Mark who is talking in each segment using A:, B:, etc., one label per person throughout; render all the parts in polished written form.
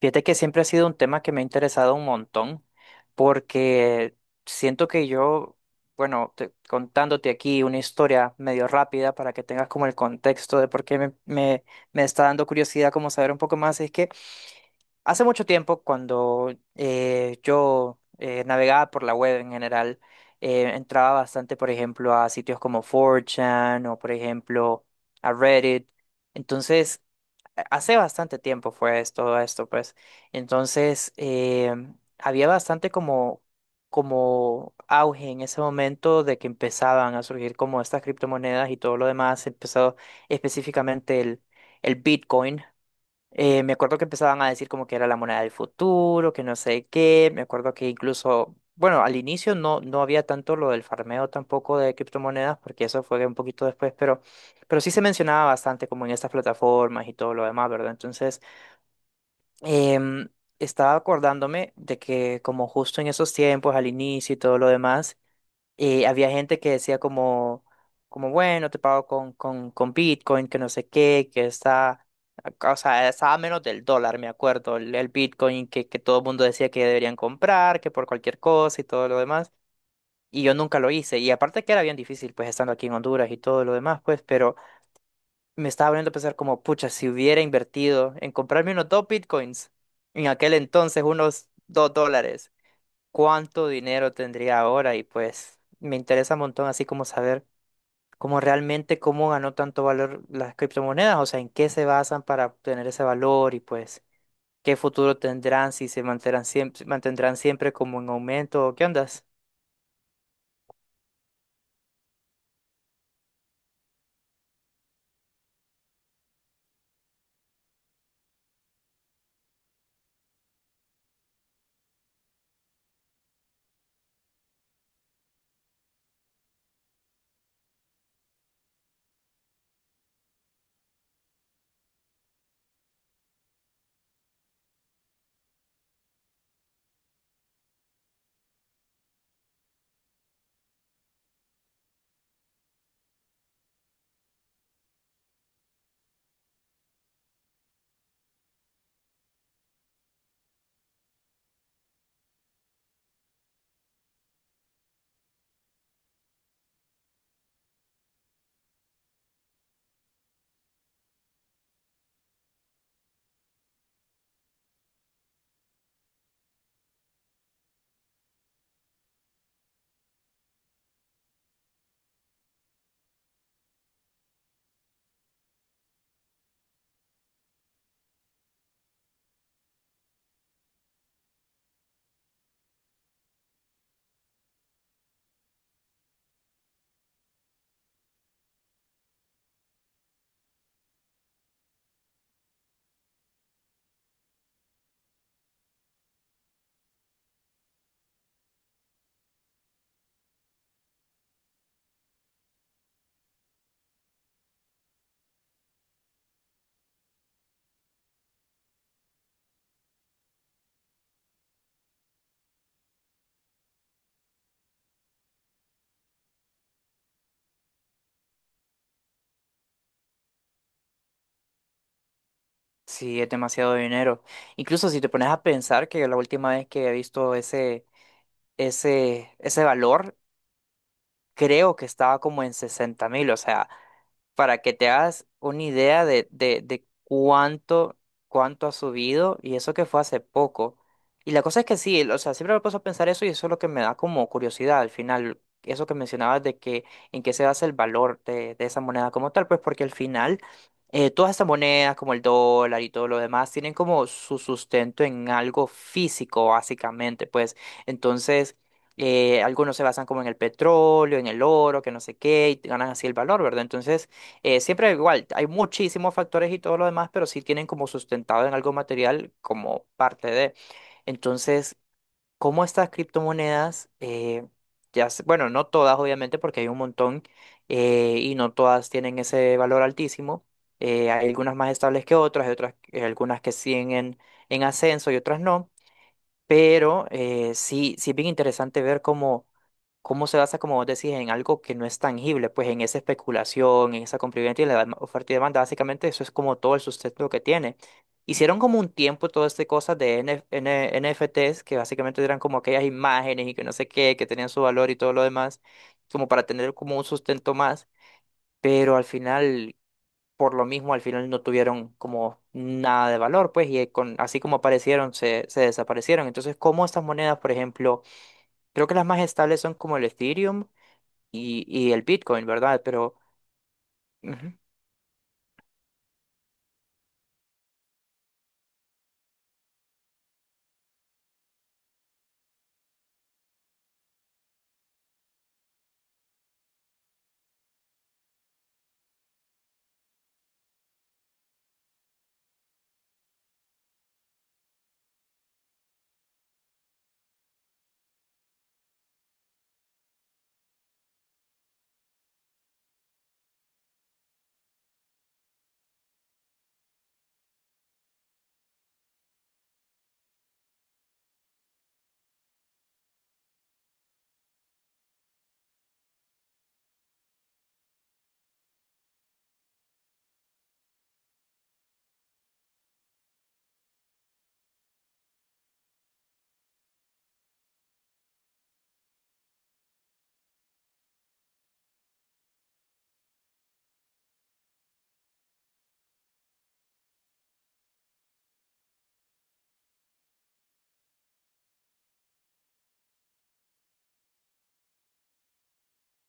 A: Fíjate que siempre ha sido un tema que me ha interesado un montón, porque siento que yo, bueno, contándote aquí una historia medio rápida para que tengas como el contexto de por qué me está dando curiosidad como saber un poco más, es que hace mucho tiempo cuando yo navegaba por la web en general, entraba bastante, por ejemplo, a sitios como 4chan o, por ejemplo, a Reddit. Entonces, hace bastante tiempo todo esto, pues. Entonces, había bastante como, como auge en ese momento de que empezaban a surgir como estas criptomonedas y todo lo demás. Empezó específicamente el Bitcoin. Me acuerdo que empezaban a decir como que era la moneda del futuro, que no sé qué. Me acuerdo que incluso, bueno, al inicio no había tanto lo del farmeo tampoco de criptomonedas, porque eso fue un poquito después, pero sí se mencionaba bastante como en estas plataformas y todo lo demás, ¿verdad? Entonces, em, estaba acordándome de que como justo en esos tiempos, al inicio y todo lo demás, y había gente que decía como, como bueno, te pago con Bitcoin, que no sé qué, que está, o sea, estaba a menos del dólar, me acuerdo, el Bitcoin que todo el mundo decía que deberían comprar, que por cualquier cosa y todo lo demás. Y yo nunca lo hice. Y aparte que era bien difícil, pues estando aquí en Honduras y todo lo demás, pues, pero me estaba poniendo a pensar como, pucha, si hubiera invertido en comprarme unos dos Bitcoins, en aquel entonces unos dos dólares, cuánto dinero tendría ahora. Y pues me interesa un montón así como saber cómo realmente cómo ganó tanto valor las criptomonedas, o sea, en qué se basan para obtener ese valor y pues qué futuro tendrán, si se mantendrán siempre como en aumento o qué ondas. Sí, es demasiado dinero. Incluso si te pones a pensar que la última vez que he visto ese valor creo que estaba como en 60.000, o sea, para que te hagas una idea de, de cuánto, cuánto ha subido, y eso que fue hace poco. Y la cosa es que sí, o sea, siempre me puedo a pensar eso y eso es lo que me da como curiosidad al final, eso que mencionabas de que en qué se basa el valor de esa moneda como tal, pues porque al final todas estas monedas como el dólar y todo lo demás tienen como su sustento en algo físico básicamente, pues entonces... Algunos se basan como en el petróleo, en el oro, que no sé qué, y ganan así el valor, ¿verdad? Entonces, siempre igual, hay muchísimos factores y todo lo demás, pero sí tienen como sustentado en algo material como parte de. Entonces, ¿cómo estas criptomonedas, ya, bueno, no todas obviamente, porque hay un montón y no todas tienen ese valor altísimo. Hay algunas más estables que otras, hay otras, algunas que siguen en ascenso y otras no. Pero sí, sí es bien interesante ver cómo cómo se basa, como vos decís, en algo que no es tangible, pues en esa especulación, en esa compraventa y la oferta y demanda, básicamente eso es como todo el sustento que tiene. Hicieron como un tiempo todas estas cosas de NFTs, que básicamente eran como aquellas imágenes y que no sé qué, que tenían su valor y todo lo demás, como para tener como un sustento más, pero al final, por lo mismo, al final no tuvieron como nada de valor, pues, y con, así como aparecieron, se desaparecieron. Entonces, ¿cómo estas monedas, por ejemplo, creo que las más estables son como el Ethereum, y el Bitcoin, ¿verdad? Pero ujú,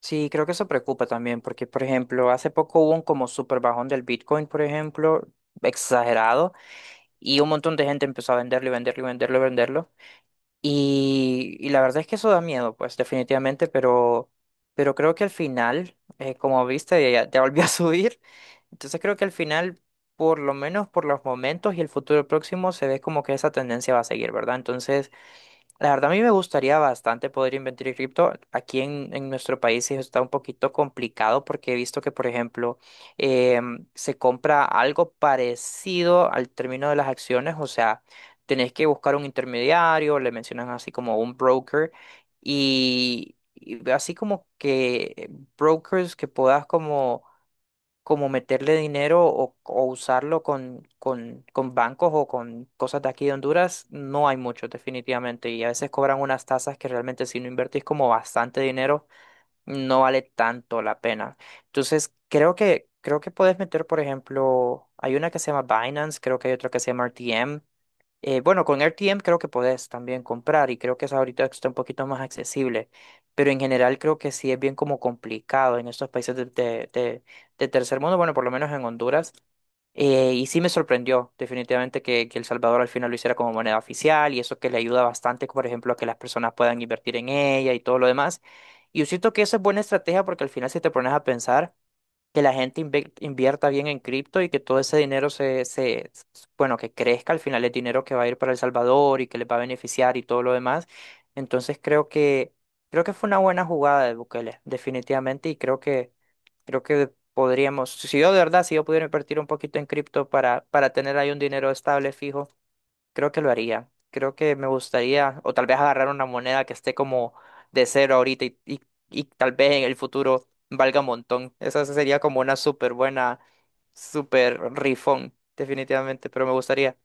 A: sí, creo que eso preocupa también, porque, por ejemplo, hace poco hubo un como super bajón del Bitcoin, por ejemplo, exagerado, y un montón de gente empezó a venderlo y venderlo y venderlo y venderlo. Y la verdad es que eso da miedo, pues, definitivamente, pero creo que al final, como viste, ya, ya volvió a subir. Entonces creo que al final, por lo menos por los momentos y el futuro próximo, se ve como que esa tendencia va a seguir, ¿verdad? Entonces... La verdad, a mí me gustaría bastante poder invertir en cripto. Aquí en nuestro país sí está un poquito complicado porque he visto que, por ejemplo, se compra algo parecido al término de las acciones. O sea, tenés que buscar un intermediario, le mencionan así como un broker y así como que brokers que puedas como como meterle dinero o usarlo con bancos o con cosas de aquí de Honduras, no hay mucho definitivamente. Y a veces cobran unas tasas que realmente si no invertís como bastante dinero, no vale tanto la pena. Entonces, creo que puedes meter, por ejemplo, hay una que se llama Binance, creo que hay otra que se llama RTM. Bueno, con RTM creo que podés también comprar y creo que eso ahorita está un poquito más accesible, pero en general creo que sí es bien como complicado en estos países de tercer mundo, bueno, por lo menos en Honduras, y sí me sorprendió definitivamente que El Salvador al final lo hiciera como moneda oficial y eso que le ayuda bastante, por ejemplo, a que las personas puedan invertir en ella y todo lo demás. Y yo siento que eso es buena estrategia porque al final si te pones a pensar que la gente invierta bien en cripto y que todo ese dinero bueno, que crezca, al final es dinero que va a ir para El Salvador y que les va a beneficiar y todo lo demás. Entonces creo que fue una buena jugada de Bukele, definitivamente, y creo que podríamos, si yo de verdad, si yo pudiera invertir un poquito en cripto para tener ahí un dinero estable, fijo. Creo que lo haría. Creo que me gustaría, o tal vez agarrar una moneda que esté como de cero ahorita y tal vez en el futuro valga un montón. Esa sería como una súper buena, súper rifón, definitivamente, pero me gustaría.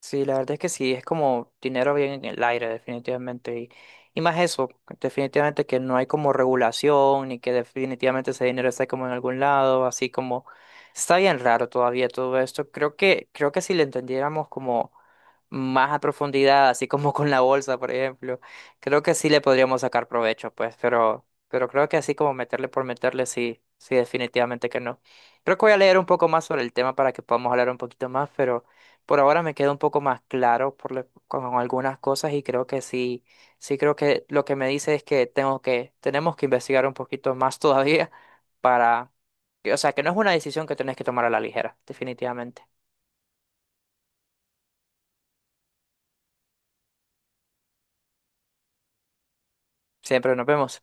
A: Sí, la verdad es que sí, es como dinero bien en el aire, definitivamente. Y más eso, definitivamente que no hay como regulación, ni que definitivamente ese dinero está como en algún lado, así como está bien raro todavía todo esto. Creo que si le entendiéramos como más a profundidad, así como con la bolsa, por ejemplo, creo que sí le podríamos sacar provecho, pues, pero creo que así como meterle por meterle, sí, sí, definitivamente que no. Creo que voy a leer un poco más sobre el tema para que podamos hablar un poquito más, pero. Por ahora me queda un poco más claro por con algunas cosas y creo que sí, sí creo que lo que me dice es que tengo que, tenemos que investigar un poquito más todavía para, o sea, que no es una decisión que tenés que tomar a la ligera, definitivamente. Siempre nos vemos.